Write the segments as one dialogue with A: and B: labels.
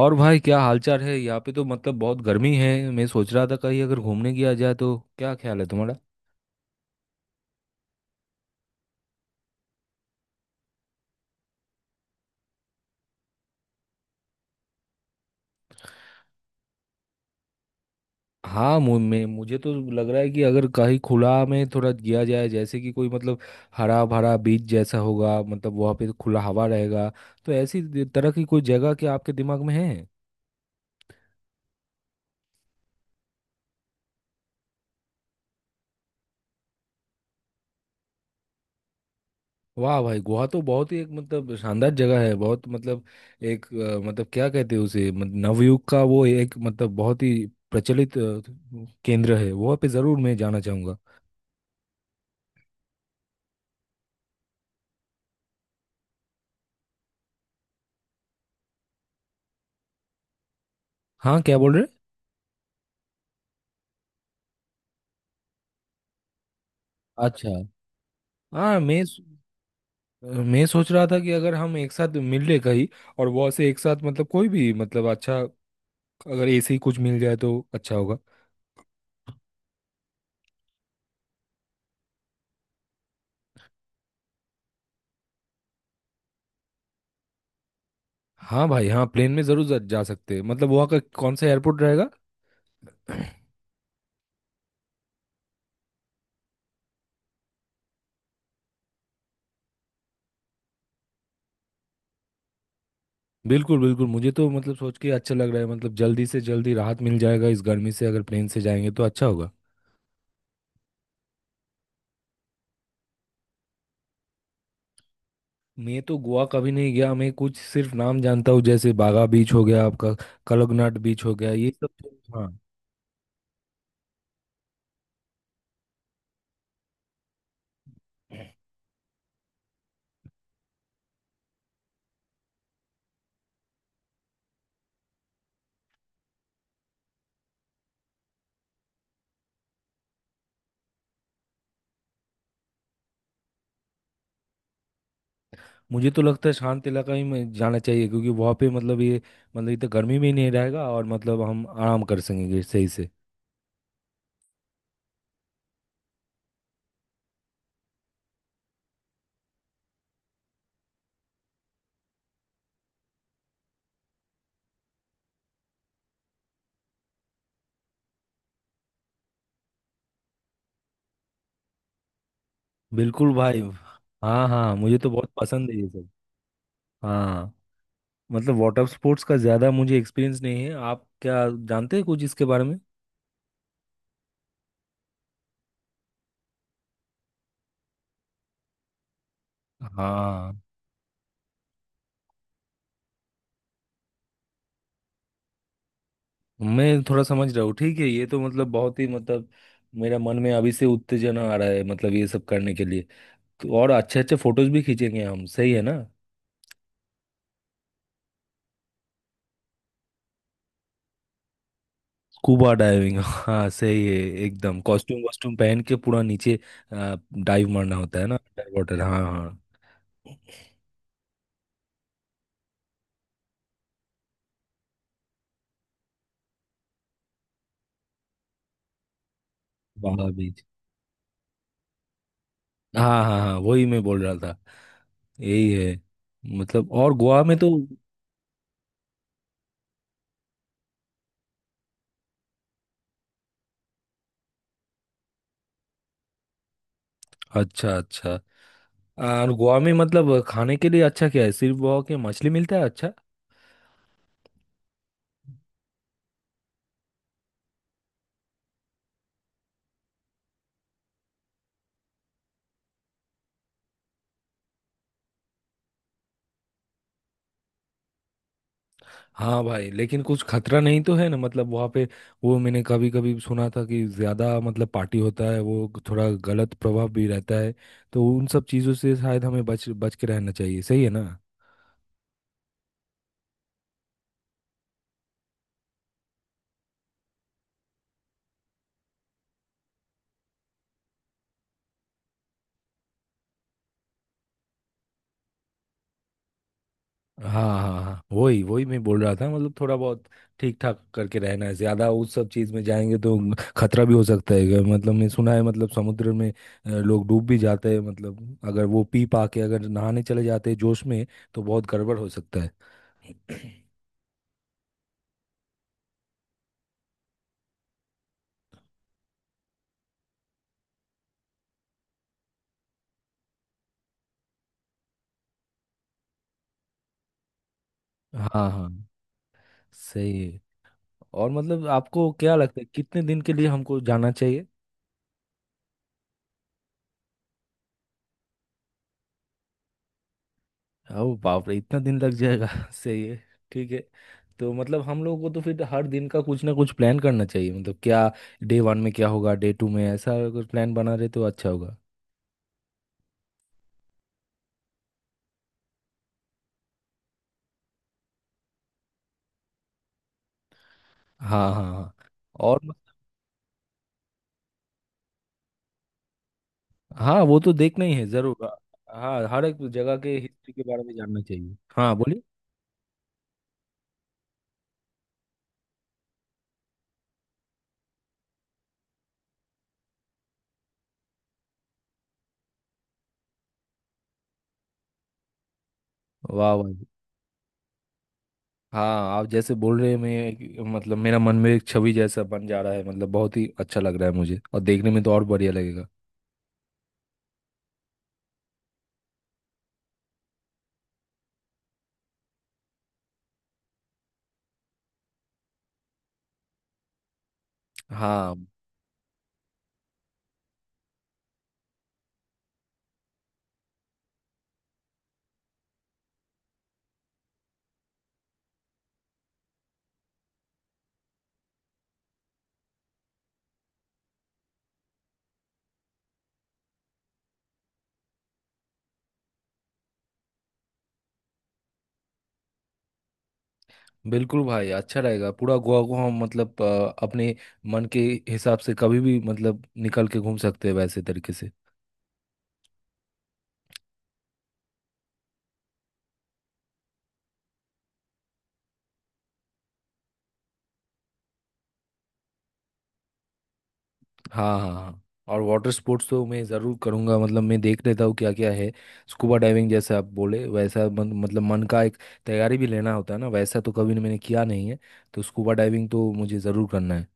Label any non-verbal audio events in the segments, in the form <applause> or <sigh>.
A: और भाई क्या हालचाल है। यहाँ पे तो मतलब बहुत गर्मी है। मैं सोच रहा था कहीं अगर घूमने गया जाए तो क्या ख्याल है तुम्हारा? हाँ, मु- मैं मुझे तो लग रहा है कि अगर कहीं खुला में थोड़ा गया जाए, जैसे कि कोई मतलब हरा भरा बीच जैसा होगा, मतलब वहाँ पे खुला हवा रहेगा। तो ऐसी तरह की कोई जगह क्या आपके दिमाग में है? वाह भाई, गोवा तो बहुत ही एक मतलब शानदार जगह है। बहुत मतलब एक मतलब क्या कहते हैं उसे, मतलब नवयुग का वो एक मतलब बहुत ही प्रचलित केंद्र है। वहाँ पे ज़रूर मैं जाना चाहूँगा। हाँ, क्या बोल रहे? अच्छा। हाँ, मैं सोच रहा था कि अगर हम एक साथ मिल ले कहीं और वहाँ से एक साथ मतलब कोई भी मतलब अच्छा अगर ऐसे ही कुछ मिल जाए तो अच्छा होगा। हाँ भाई, हाँ, प्लेन में जरूर जा जा सकते हैं। मतलब वहाँ का कौन सा एयरपोर्ट रहेगा? <clears throat> बिल्कुल बिल्कुल, मुझे तो मतलब सोच के अच्छा लग रहा है। मतलब जल्दी से जल्दी राहत मिल जाएगा इस गर्मी से, अगर प्लेन से जाएंगे तो अच्छा होगा। मैं तो गोवा कभी नहीं गया। मैं कुछ सिर्फ नाम जानता हूँ, जैसे बागा बीच हो गया आपका, कलगनाट बीच हो गया, ये सब हाँ। मुझे तो लगता है शांत इलाका ही में जाना चाहिए, क्योंकि वहाँ पे मतलब ये मतलब इतना गर्मी में ही नहीं रहेगा, और मतलब हम आराम कर सकेंगे सही से। बिल्कुल भाई। हाँ हाँ, मुझे तो बहुत पसंद है ये सब। हाँ, मतलब वाटर स्पोर्ट्स का ज़्यादा मुझे एक्सपीरियंस नहीं है। आप क्या जानते हैं कुछ इसके बारे में? हाँ, मैं थोड़ा समझ रहा हूँ। ठीक है, ये तो मतलब बहुत ही मतलब मेरा मन में अभी से उत्तेजना आ रहा है, मतलब ये सब करने के लिए। तो और अच्छे अच्छे फोटोज भी खींचेंगे हम, सही है ना? स्कूबा डाइविंग, हाँ सही है। एकदम कॉस्ट्यूम वॉस्ट्यूम पहन के पूरा नीचे डाइव मारना होता है ना, अंडर वाटर, हाँ हाँ। बागा बीच, हाँ हाँ हाँ, वही मैं बोल रहा था। यही है। मतलब और गोवा में तो। अच्छा अच्छा। और गोवा में मतलब खाने के लिए अच्छा क्या है? सिर्फ वहाँ के मछली मिलता है? अच्छा। हाँ भाई, लेकिन कुछ खतरा नहीं तो है ना मतलब वहाँ पे? वो मैंने कभी कभी सुना था कि ज़्यादा मतलब पार्टी होता है, वो थोड़ा गलत प्रभाव भी रहता है। तो उन सब चीज़ों से शायद हमें बच बच के रहना चाहिए, सही है ना? हाँ हाँ हाँ, वही वही मैं बोल रहा था। मतलब थोड़ा बहुत ठीक ठाक करके रहना है। ज़्यादा उस सब चीज़ में जाएंगे तो खतरा भी हो सकता है। मतलब मैं सुना है मतलब समुद्र में लोग डूब भी जाते हैं, मतलब अगर वो पी पा के अगर नहाने चले जाते हैं जोश में, तो बहुत गड़बड़ हो सकता है। <coughs> <clears throat> हाँ हाँ, सही है। और मतलब आपको क्या लगता है कितने दिन के लिए हमको जाना चाहिए? ओ बाप रे, इतना दिन लग जाएगा! <laughs> सही है, ठीक है। तो मतलब हम लोगों को तो फिर हर दिन का कुछ ना कुछ प्लान करना चाहिए। मतलब क्या डे वन में क्या होगा, डे टू में, ऐसा अगर प्लान बना रहे तो अच्छा होगा। हाँ हाँ हाँ। और हाँ, वो तो देखना ही है जरूर। हाँ, हर एक जगह के हिस्ट्री के बारे में जानना चाहिए। हाँ बोलिए। वाह वाह। हाँ, आप जैसे बोल रहे हैं, मतलब मेरा मन में एक छवि जैसा बन जा रहा है, मतलब बहुत ही अच्छा लग रहा है मुझे, और देखने में तो और बढ़िया लगेगा। हाँ बिल्कुल भाई, अच्छा रहेगा। पूरा गोवा को हम मतलब अपने मन के हिसाब से कभी भी मतलब निकल के घूम सकते हैं, वैसे तरीके से। हाँ हाँ हाँ। और वाटर स्पोर्ट्स तो मैं ज़रूर करूँगा। मतलब मैं देख लेता हूँ क्या क्या है। स्कूबा डाइविंग जैसा आप बोले, वैसा मतलब मन का एक तैयारी भी लेना होता है ना, वैसा तो कभी मैंने किया नहीं है। तो स्कूबा डाइविंग तो मुझे ज़रूर करना है।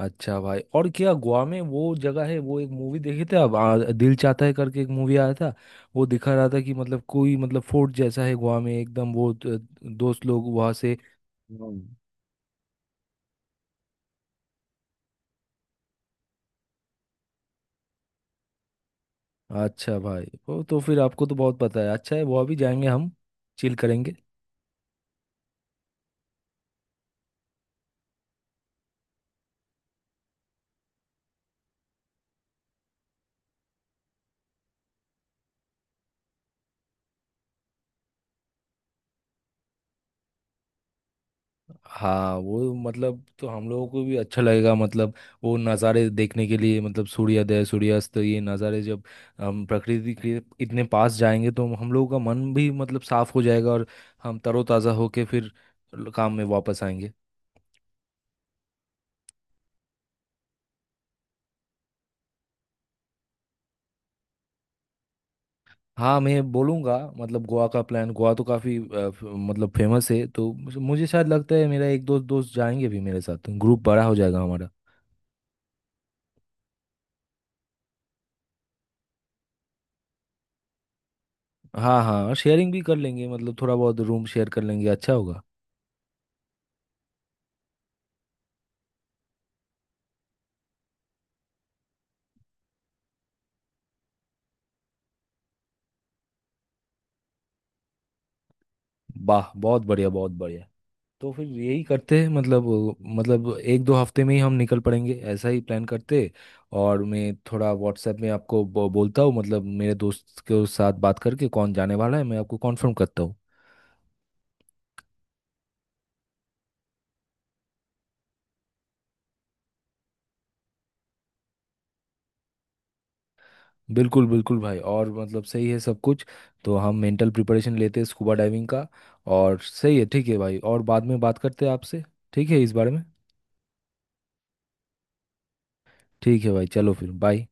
A: अच्छा भाई, और क्या गोवा में वो जगह है? वो एक मूवी देखे थे आप, दिल चाहता है करके एक मूवी आया था। वो दिखा रहा था कि मतलब कोई मतलब फोर्ट जैसा है गोवा में, एकदम वो दोस्त लोग वहां से। हम्म। अच्छा भाई, वो तो फिर आपको तो बहुत पता है। अच्छा है, गोवा भी जाएंगे हम, चिल करेंगे। हाँ, वो मतलब तो हम लोगों को भी अच्छा लगेगा। मतलब वो नज़ारे देखने के लिए, मतलब सूर्योदय सूर्यास्त, ये नज़ारे जब हम प्रकृति के इतने पास जाएंगे तो हम लोगों का मन भी मतलब साफ हो जाएगा, और हम तरोताज़ा होके फिर काम में वापस आएंगे। हाँ, मैं बोलूँगा मतलब गोवा का प्लान। गोवा तो काफ़ी मतलब फेमस है, तो मुझे मुझे शायद लगता है मेरा एक दो दोस्त जाएंगे भी मेरे साथ, ग्रुप बड़ा हो जाएगा हमारा। हाँ हाँ, और शेयरिंग भी कर लेंगे, मतलब थोड़ा बहुत रूम शेयर कर लेंगे, अच्छा होगा। वाह बहुत बढ़िया, बहुत बढ़िया। तो फिर यही करते हैं। मतलब मतलब एक दो हफ्ते में ही हम निकल पड़ेंगे, ऐसा ही प्लान करते। और मैं थोड़ा व्हाट्सएप में आपको बोलता हूँ, मतलब मेरे दोस्त के साथ बात करके कौन जाने वाला है, मैं आपको कॉन्फर्म करता हूँ। बिल्कुल बिल्कुल भाई, और मतलब सही है सब कुछ। तो हम मेंटल प्रिपरेशन लेते हैं स्कूबा डाइविंग का। और सही है, ठीक है भाई, और बाद में बात करते हैं आपसे, ठीक है, इस बारे में। ठीक है भाई, चलो फिर बाय।